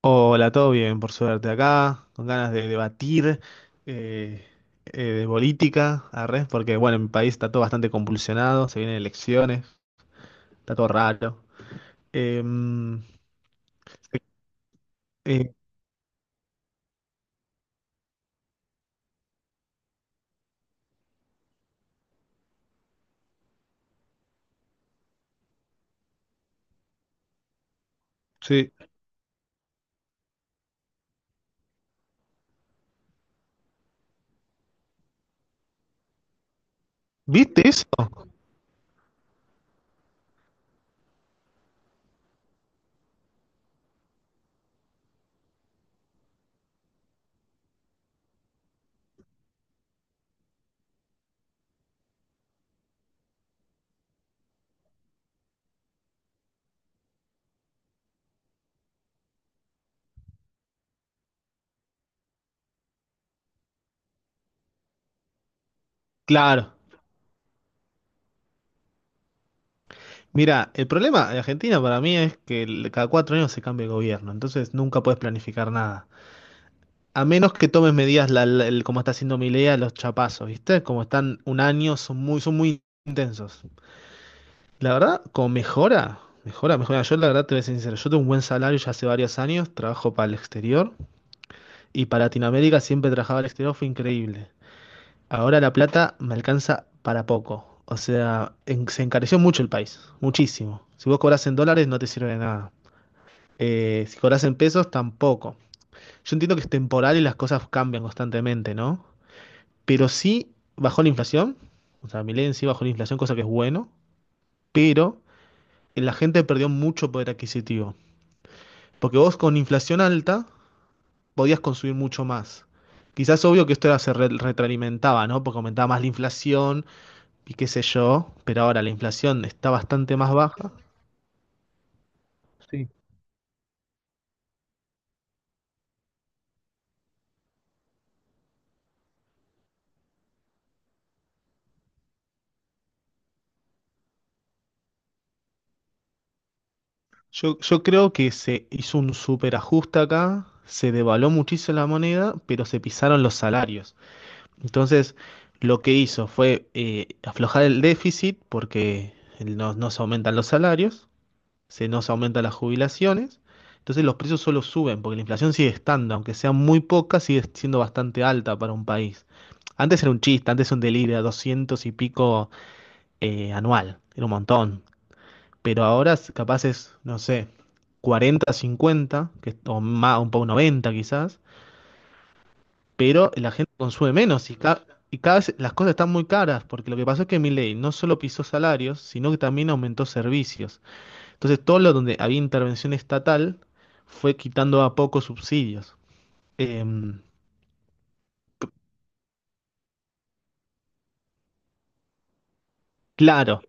Hola, todo bien, por suerte acá, con ganas de debatir eh, de política, arre, porque bueno, en mi país está todo bastante convulsionado, se vienen elecciones, está todo raro. Em, eh, sí. ¿Viste eso? Claro. Mira, el problema de Argentina para mí es que cada 4 años se cambia el gobierno, entonces nunca puedes planificar nada. A menos que tomes medidas como está haciendo Milei a los chapazos, ¿viste? Como están un año, son muy intensos. La verdad, como mejora, mejora, mejora. Yo la verdad te voy a ser sincero, yo tengo un buen salario ya hace varios años, trabajo para el exterior y para Latinoamérica siempre trabajaba al exterior, fue increíble. Ahora la plata me alcanza para poco. O sea, se encareció mucho el país, muchísimo. Si vos cobras en dólares no te sirve de nada. Si cobras en pesos tampoco. Yo entiendo que es temporal y las cosas cambian constantemente, ¿no? Pero sí bajó la inflación, o sea, Milei en sí bajó la inflación, cosa que es bueno, pero la gente perdió mucho poder adquisitivo. Porque vos con inflación alta podías consumir mucho más. Quizás obvio que esto era- se re- retroalimentaba, ¿no? Porque aumentaba más la inflación y qué sé yo, pero ahora la inflación está bastante más baja. Sí. Yo creo que se hizo un superajuste acá, se devaluó muchísimo la moneda, pero se pisaron los salarios. Entonces, lo que hizo fue aflojar el déficit porque no se aumentan los salarios se nos aumentan las jubilaciones, entonces los precios solo suben, porque la inflación sigue estando, aunque sea muy poca, sigue siendo bastante alta para un país. Antes era un chiste, antes era un delirio, 200 y pico anual, era un montón, pero ahora capaz es, no sé, 40, 50, que, o más, un poco 90 quizás, pero la gente consume menos y, y cada vez las cosas están muy caras, porque lo que pasó es que Milei no solo pisó salarios, sino que también aumentó servicios. Entonces, todo lo donde había intervención estatal fue quitando a pocos subsidios. Em, claro,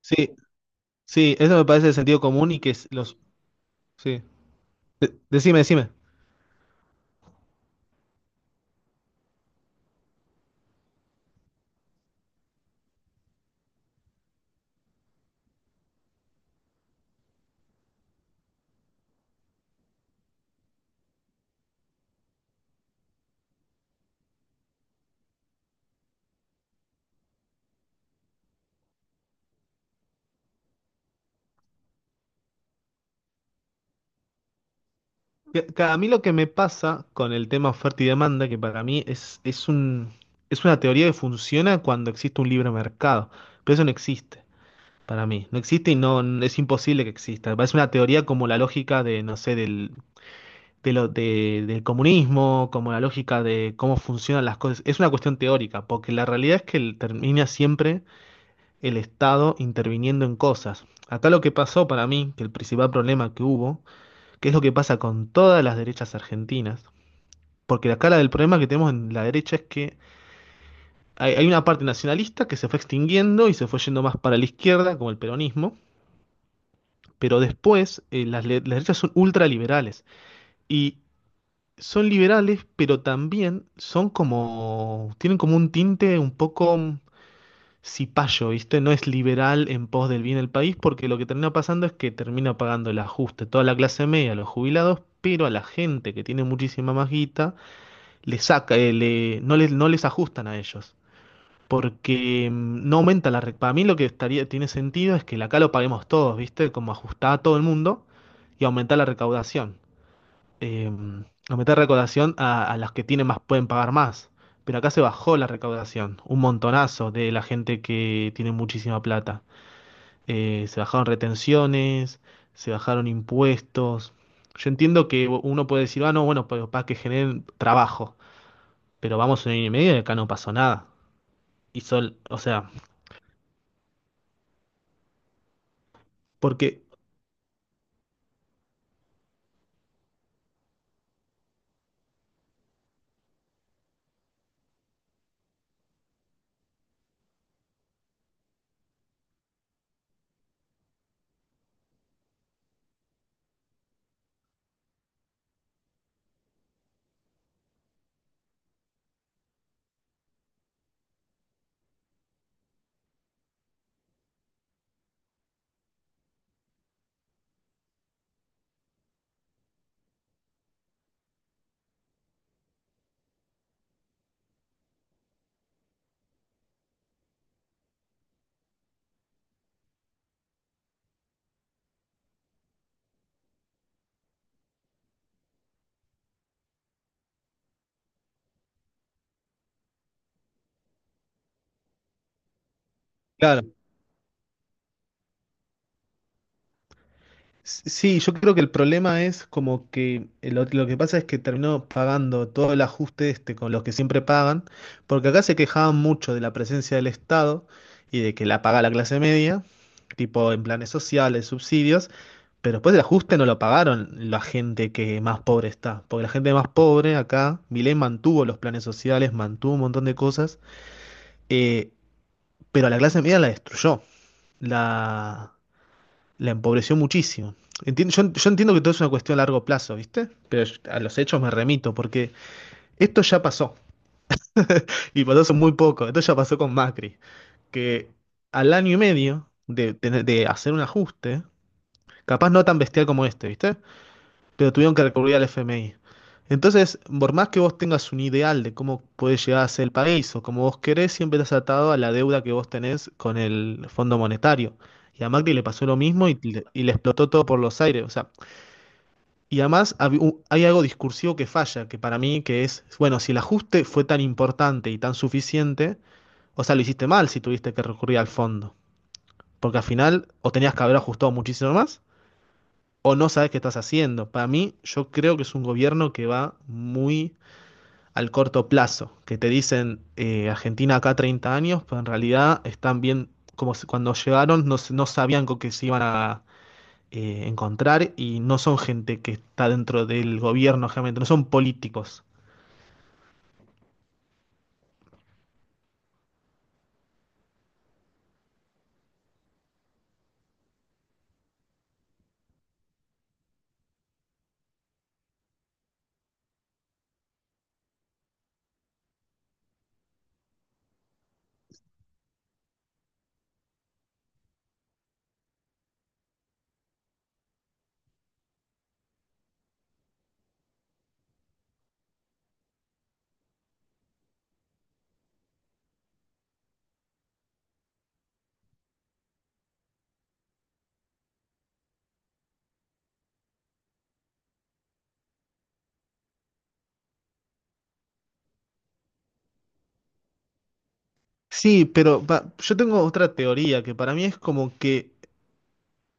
sí, sí, eso me parece de sentido común y que es los. Sí. Decime, decime. Que a mí lo que me pasa con el tema oferta y demanda, que para mí es una teoría que funciona cuando existe un libre mercado, pero eso no existe. Para mí, no existe y no es imposible que exista. Me parece una teoría como la lógica de, no sé, del comunismo, como la lógica de cómo funcionan las cosas. Es una cuestión teórica, porque la realidad es que termina siempre el Estado interviniendo en cosas. Acá lo que pasó para mí, que el principal problema que hubo, que es lo que pasa con todas las derechas argentinas, porque acá la del problema que tenemos en la derecha es que hay una parte nacionalista que se fue extinguiendo y se fue yendo más para la izquierda, como el peronismo, pero después las derechas son ultraliberales. Y son liberales, pero también son como, tienen como un tinte un poco cipayo, ¿viste? No es liberal en pos del bien del país, porque lo que termina pasando es que termina pagando el ajuste toda la clase media, los jubilados, pero a la gente que tiene muchísima más guita, le saca, no les ajustan a ellos. Porque no aumenta la. Para mí lo que estaría, tiene sentido es que la acá lo paguemos todos, ¿viste? Como ajustar a todo el mundo y aumentar la recaudación eh, a meter recaudación a las que tienen más, pueden pagar más. Pero acá se bajó la recaudación, un montonazo de la gente que tiene muchísima plata. Se bajaron retenciones, se bajaron impuestos. Yo entiendo que uno puede decir, ah, no, bueno, pero para que generen trabajo. Pero vamos un año y medio y acá no pasó nada. Y o sea, porque, claro, sí, yo creo que el problema es como que lo que pasa es que terminó pagando todo el ajuste este con los que siempre pagan, porque acá se quejaban mucho de la presencia del Estado y de que la paga la clase media, tipo en planes sociales, subsidios, pero después el ajuste no lo pagaron la gente que más pobre está, porque la gente más pobre acá, Milei mantuvo los planes sociales, mantuvo un montón de cosas, eh, pero a la clase media la destruyó. La, la empobreció muchísimo. Yo entiendo que todo es una cuestión a largo plazo, ¿viste? Pero a los hechos me remito, porque esto ya pasó, y pasó hace muy poco, esto ya pasó con Macri, que al año y medio de, de hacer un ajuste, capaz no tan bestial como este, ¿viste? Pero tuvieron que recurrir al FMI. Entonces, por más que vos tengas un ideal de cómo puede llegar a ser el país o cómo vos querés, siempre estás atado a la deuda que vos tenés con el Fondo Monetario. Y a Macri le pasó lo mismo y y le explotó todo por los aires. O sea, y además hay algo discursivo que falla, que para mí que es, bueno, si el ajuste fue tan importante y tan suficiente, o sea, lo hiciste mal si tuviste que recurrir al fondo, porque al final o tenías que haber ajustado muchísimo más o no sabes qué estás haciendo. Para mí, yo creo que es un gobierno que va muy al corto plazo, que te dicen Argentina acá 30 años, pero en realidad están bien, como cuando llegaron no sabían con qué se iban a, encontrar y no son gente que está dentro del gobierno, realmente no son políticos. Sí, pero yo tengo otra teoría que para mí es como que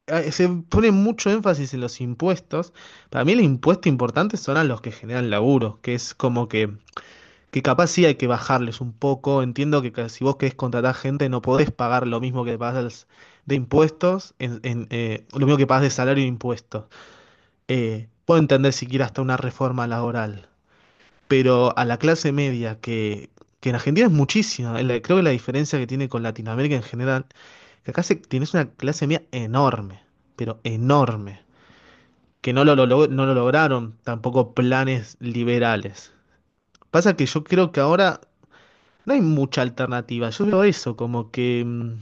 se pone mucho énfasis en los impuestos. Para mí el impuesto importante son a los que generan laburo, que es como que capaz sí hay que bajarles un poco. Entiendo que si vos querés contratar gente no podés pagar lo mismo que pagas de impuestos, lo mismo que pagas de salario e impuestos. Puedo entender si siquiera hasta una reforma laboral. Pero a la clase media, que en Argentina es muchísima, creo que la diferencia que tiene con Latinoamérica en general, que acá tienes una clase media enorme, pero enorme, que no lo lograron tampoco planes liberales. Pasa que yo creo que ahora no hay mucha alternativa, yo veo eso, como que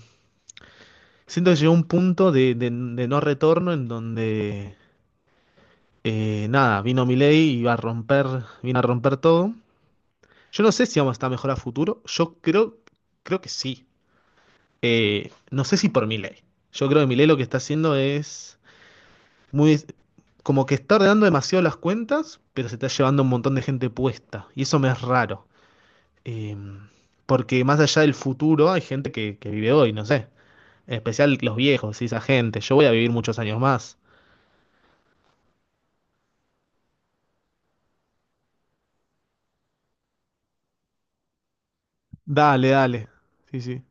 siento que llegó un punto de no retorno en donde, nada, vino Milei y iba a romper, vino a romper todo. Yo no sé si vamos a estar mejor a futuro. Yo creo que sí. No sé si por Milei. Yo creo que Milei lo que está haciendo es muy. Como que está ordenando demasiado las cuentas, pero se está llevando un montón de gente puesta. Y eso me es raro. Eh, Porque más allá del futuro, hay gente que vive hoy, no sé. En especial los viejos, y esa gente. Yo voy a vivir muchos años más. Dale, dale. Sí, sí.